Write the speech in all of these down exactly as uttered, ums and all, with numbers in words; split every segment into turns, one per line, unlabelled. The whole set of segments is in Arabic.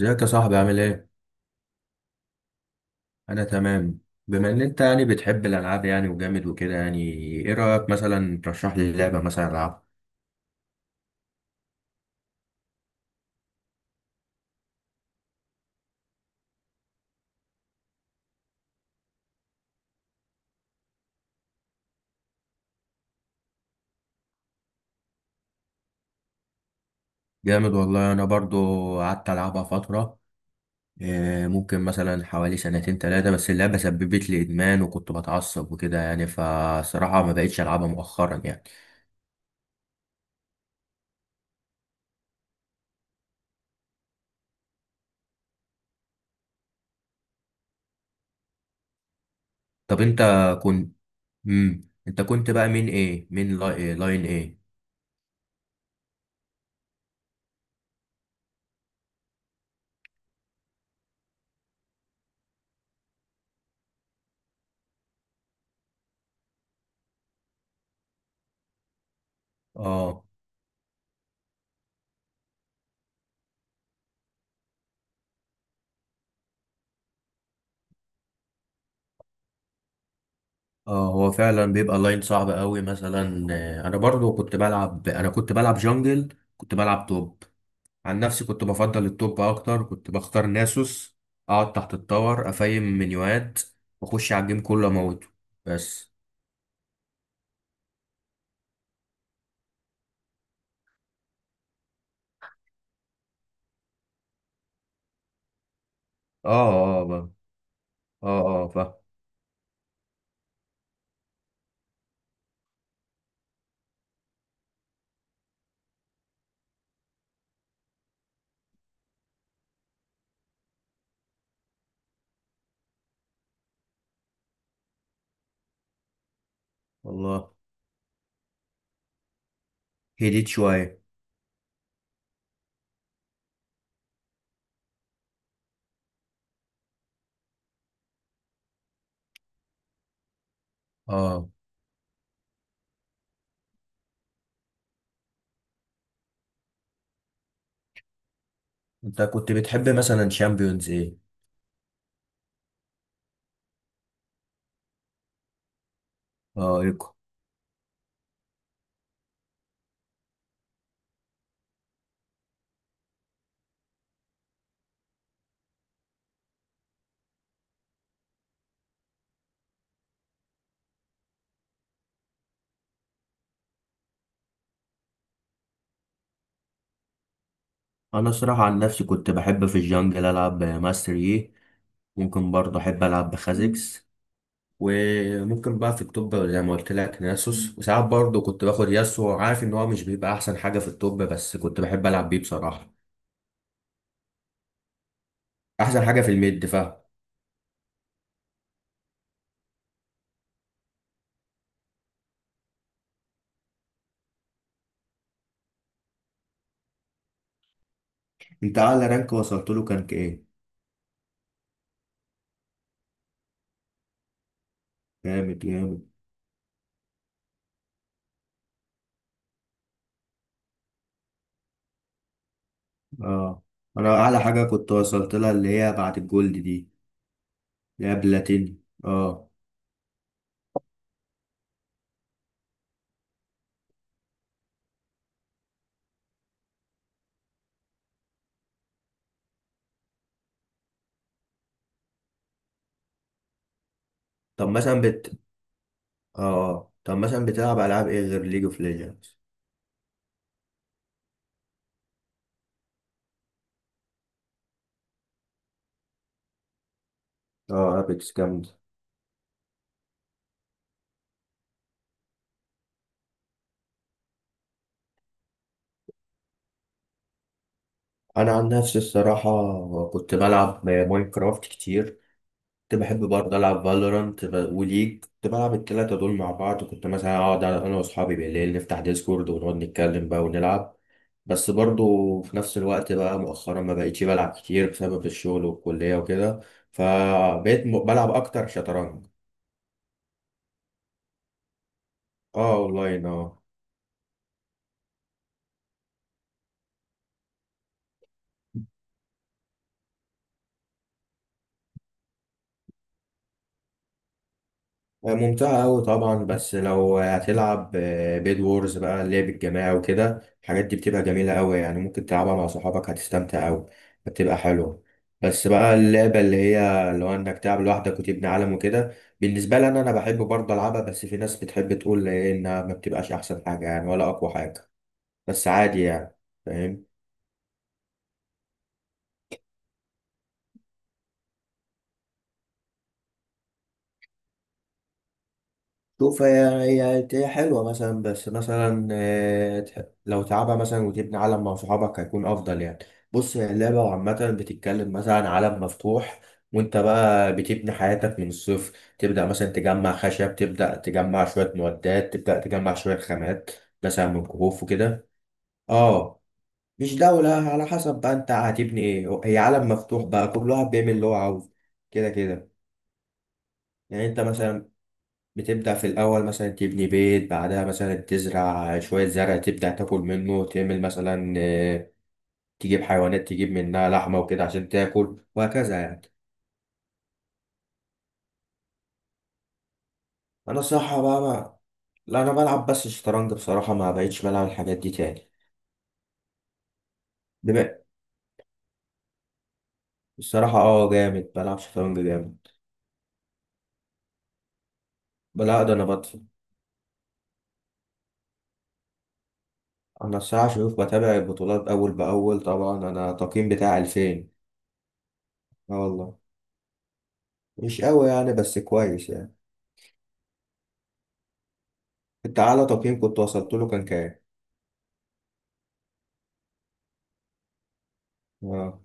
ازيك يا صاحبي، عامل ايه؟ انا تمام. بما ان انت يعني بتحب الالعاب يعني وجامد وكده يعني، ايه رايك مثلا ترشح لي لعبه مثلا العبها؟ جامد والله، انا برضو قعدت العبها فتره. إيه، ممكن مثلا حوالي سنتين ثلاثه، بس اللعبه سببت لي ادمان وكنت بتعصب وكده يعني، فصراحه ما بقتش العبها مؤخرا يعني. طب انت كنت، امم انت كنت بقى مين ايه؟ مين لاي... إيه؟ لاين ايه؟ اه اه هو فعلا بيبقى لاين صعب قوي مثلا، آه، انا برضو كنت بلعب انا كنت بلعب جونجل. كنت بلعب توب. عن نفسي كنت بفضل التوب اكتر، كنت بختار ناسوس، اقعد تحت التاور افايم منيوات، واخش على الجيم كله اموته. بس، اه. اه بقى. اه، اه، فاهم. والله هديت شويه. اه، انت كنت بتحب مثلا شامبيونز ايه؟ اه، ايكو. انا صراحه عن نفسي كنت بحب في الجونجل العب ماستر يي، ممكن برضه احب العب بخازكس، وممكن بقى في الطب زي ما قلت لك ناسوس، وساعات برضه كنت باخد ياسو. عارف ان هو مش بيبقى احسن حاجه في الطب، بس كنت بحب العب بيه بصراحه. احسن حاجه في الميد، فاهم. انت اعلى رانك وصلت له كان ايه؟ جامد، جامد. اه، انا اعلى حاجه كنت وصلت لها اللي هي بعد الجولد دي، اللي هي بلاتيني، اه. طب مثلا بت اه آه. طب مثلا بتلعب العاب ايه غير ليج اوف ليجندز؟ اه، ابيكس جامد. انا عن نفسي الصراحه كنت بلعب ماينكرافت كتير. كنت بحب برضه ألعب فالورانت وليج، كنت بلعب التلاتة دول مع بعض، كنت مثلا أقعد أنا وأصحابي بالليل نفتح ديسكورد ونقعد نتكلم بقى ونلعب. بس برضه في نفس الوقت بقى مؤخرا ما بقيتش بلعب كتير بسبب الشغل والكلية وكده، فبقيت م- بلعب أكتر شطرنج. اه، أونلاين، اه. ممتعة أوي طبعا، بس لو هتلعب بيد وورز بقى، اللعب الجماعي وكده الحاجات دي بتبقى جميلة أوي يعني، ممكن تلعبها مع صحابك هتستمتع أوي، بتبقى حلوة. بس بقى اللعبة اللي هي اللي هو إنك تلعب لوحدك وتبني عالم وكده، بالنسبة لي أنا أنا بحب برضه ألعبها، بس في ناس بتحب تقول إيه إنها ما بتبقاش أحسن حاجة يعني، ولا أقوى حاجة. بس عادي يعني. فاهم. شوف، هي هي هي حلوة مثلا، بس مثلا آه، تح- لو تلعبها مثلا وتبني عالم مع صحابك هيكون أفضل يعني. بص، هي اللعبة عامة بتتكلم مثلا عن عالم مفتوح، وأنت بقى بتبني حياتك من الصفر، تبدأ مثلا تجمع خشب، تبدأ تجمع شوية معدات، تبدأ تجمع شوية خامات، مثلا من كهوف وكده. اه، مش دولة، على حسب بقى أنت هتبني إيه، هي عالم مفتوح بقى كل واحد بيعمل اللي هو عاوزه. كده كده. يعني أنت مثلا بتبدأ في الأول مثلا تبني بيت، بعدها مثلا تزرع شوية زرع، تبدأ تاكل منه، تعمل مثلا آه، تجيب حيوانات، تجيب منها لحمة وكده عشان تاكل، وهكذا يعني. أنا الصراحة بقى ما لا، أنا بلعب بس شطرنج بصراحة، ما بقتش بلعب الحاجات دي تاني. بما الصراحة، اه، جامد، بلعب شطرنج جامد. لا، ده أنا بطفي. أنا الصراحة شوف بتابع البطولات أول بأول طبعا، أنا التقييم بتاعي ألفين. اه، والله مش قوي يعني، بس كويس يعني. انت أعلى تقييم كنت وصلت له كان كام؟ اه،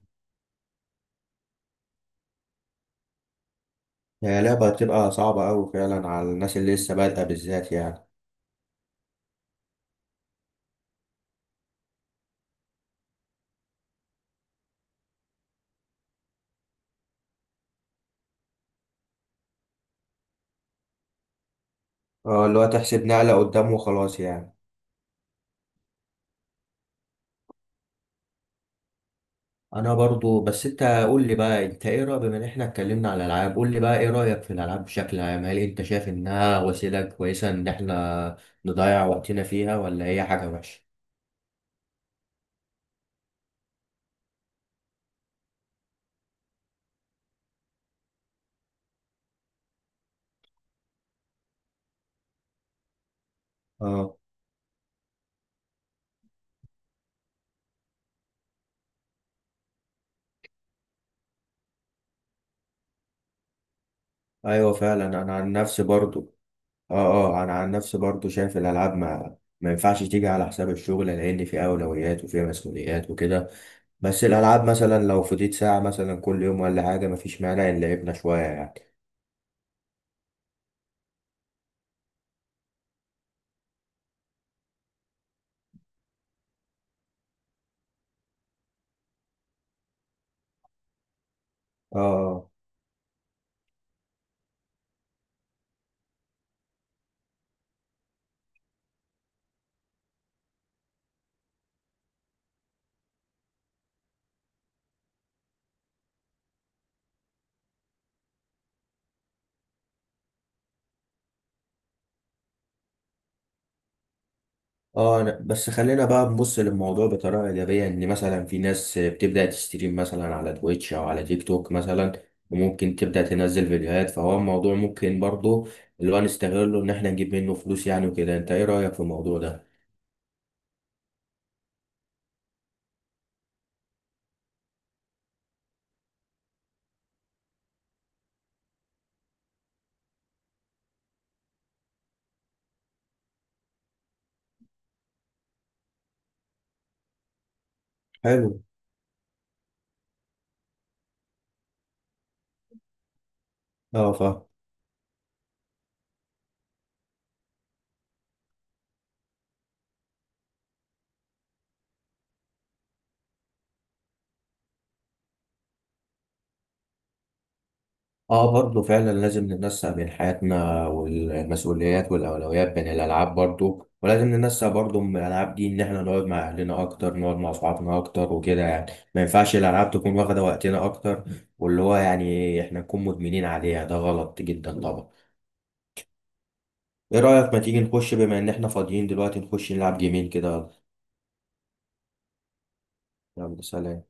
هي لعبة بتبقى صعبة أوي فعلا على الناس اللي لسه بادئة بالذات يعني. اه، اللي هو تحسب نقلة قدام وخلاص يعني. أنا برضو. بس أنت قول لي بقى، أنت إيه رأيك، بما إن إحنا اتكلمنا على الألعاب قول لي بقى إيه رأيك في الألعاب بشكل عام، هل أنت شايف إنها وسيلة كويسة إن إحنا نضيع وقتنا فيها، ولا هي حاجة وحشة؟ اه، أيوة فعلا. أنا عن نفسي برضو اه اه انا عن نفسي برضو شايف الالعاب ما ما ينفعش تيجي على حساب الشغل، لان في اولويات وفي مسؤوليات وكده. بس الالعاب مثلا لو فضيت ساعه مثلا كل يوم ولا حاجه، مفيش مانع ان لعبنا شويه يعني. اه، اه، اه. أنا- بس خلينا بقى نبص للموضوع بطريقه ايجابيه، ان مثلا في ناس بتبدا تستريم مثلا على تويتش او على تيك توك مثلا، وممكن تبدا تنزل فيديوهات، فهو الموضوع ممكن برضو اللي هو نستغله ان احنا نجيب منه فلوس يعني وكده. انت ايه رايك في الموضوع ده؟ حلو. اه، فاهم. اه، برضه فعلا لازم ننسق بين حياتنا والمسؤوليات والاولويات بين الالعاب برضه، ولازم ننسق برضه من الالعاب دي ان احنا نقعد مع اهلنا اكتر، نقعد مع اصحابنا اكتر وكده يعني، ما ينفعش الالعاب تكون واخده وقتنا اكتر، واللي هو يعني احنا نكون مدمنين عليها، ده غلط جدا طبعا. ايه رايك ما تيجي نخش بما ان احنا فاضيين دلوقتي نخش نلعب جيمين كده؟ يلا سلام.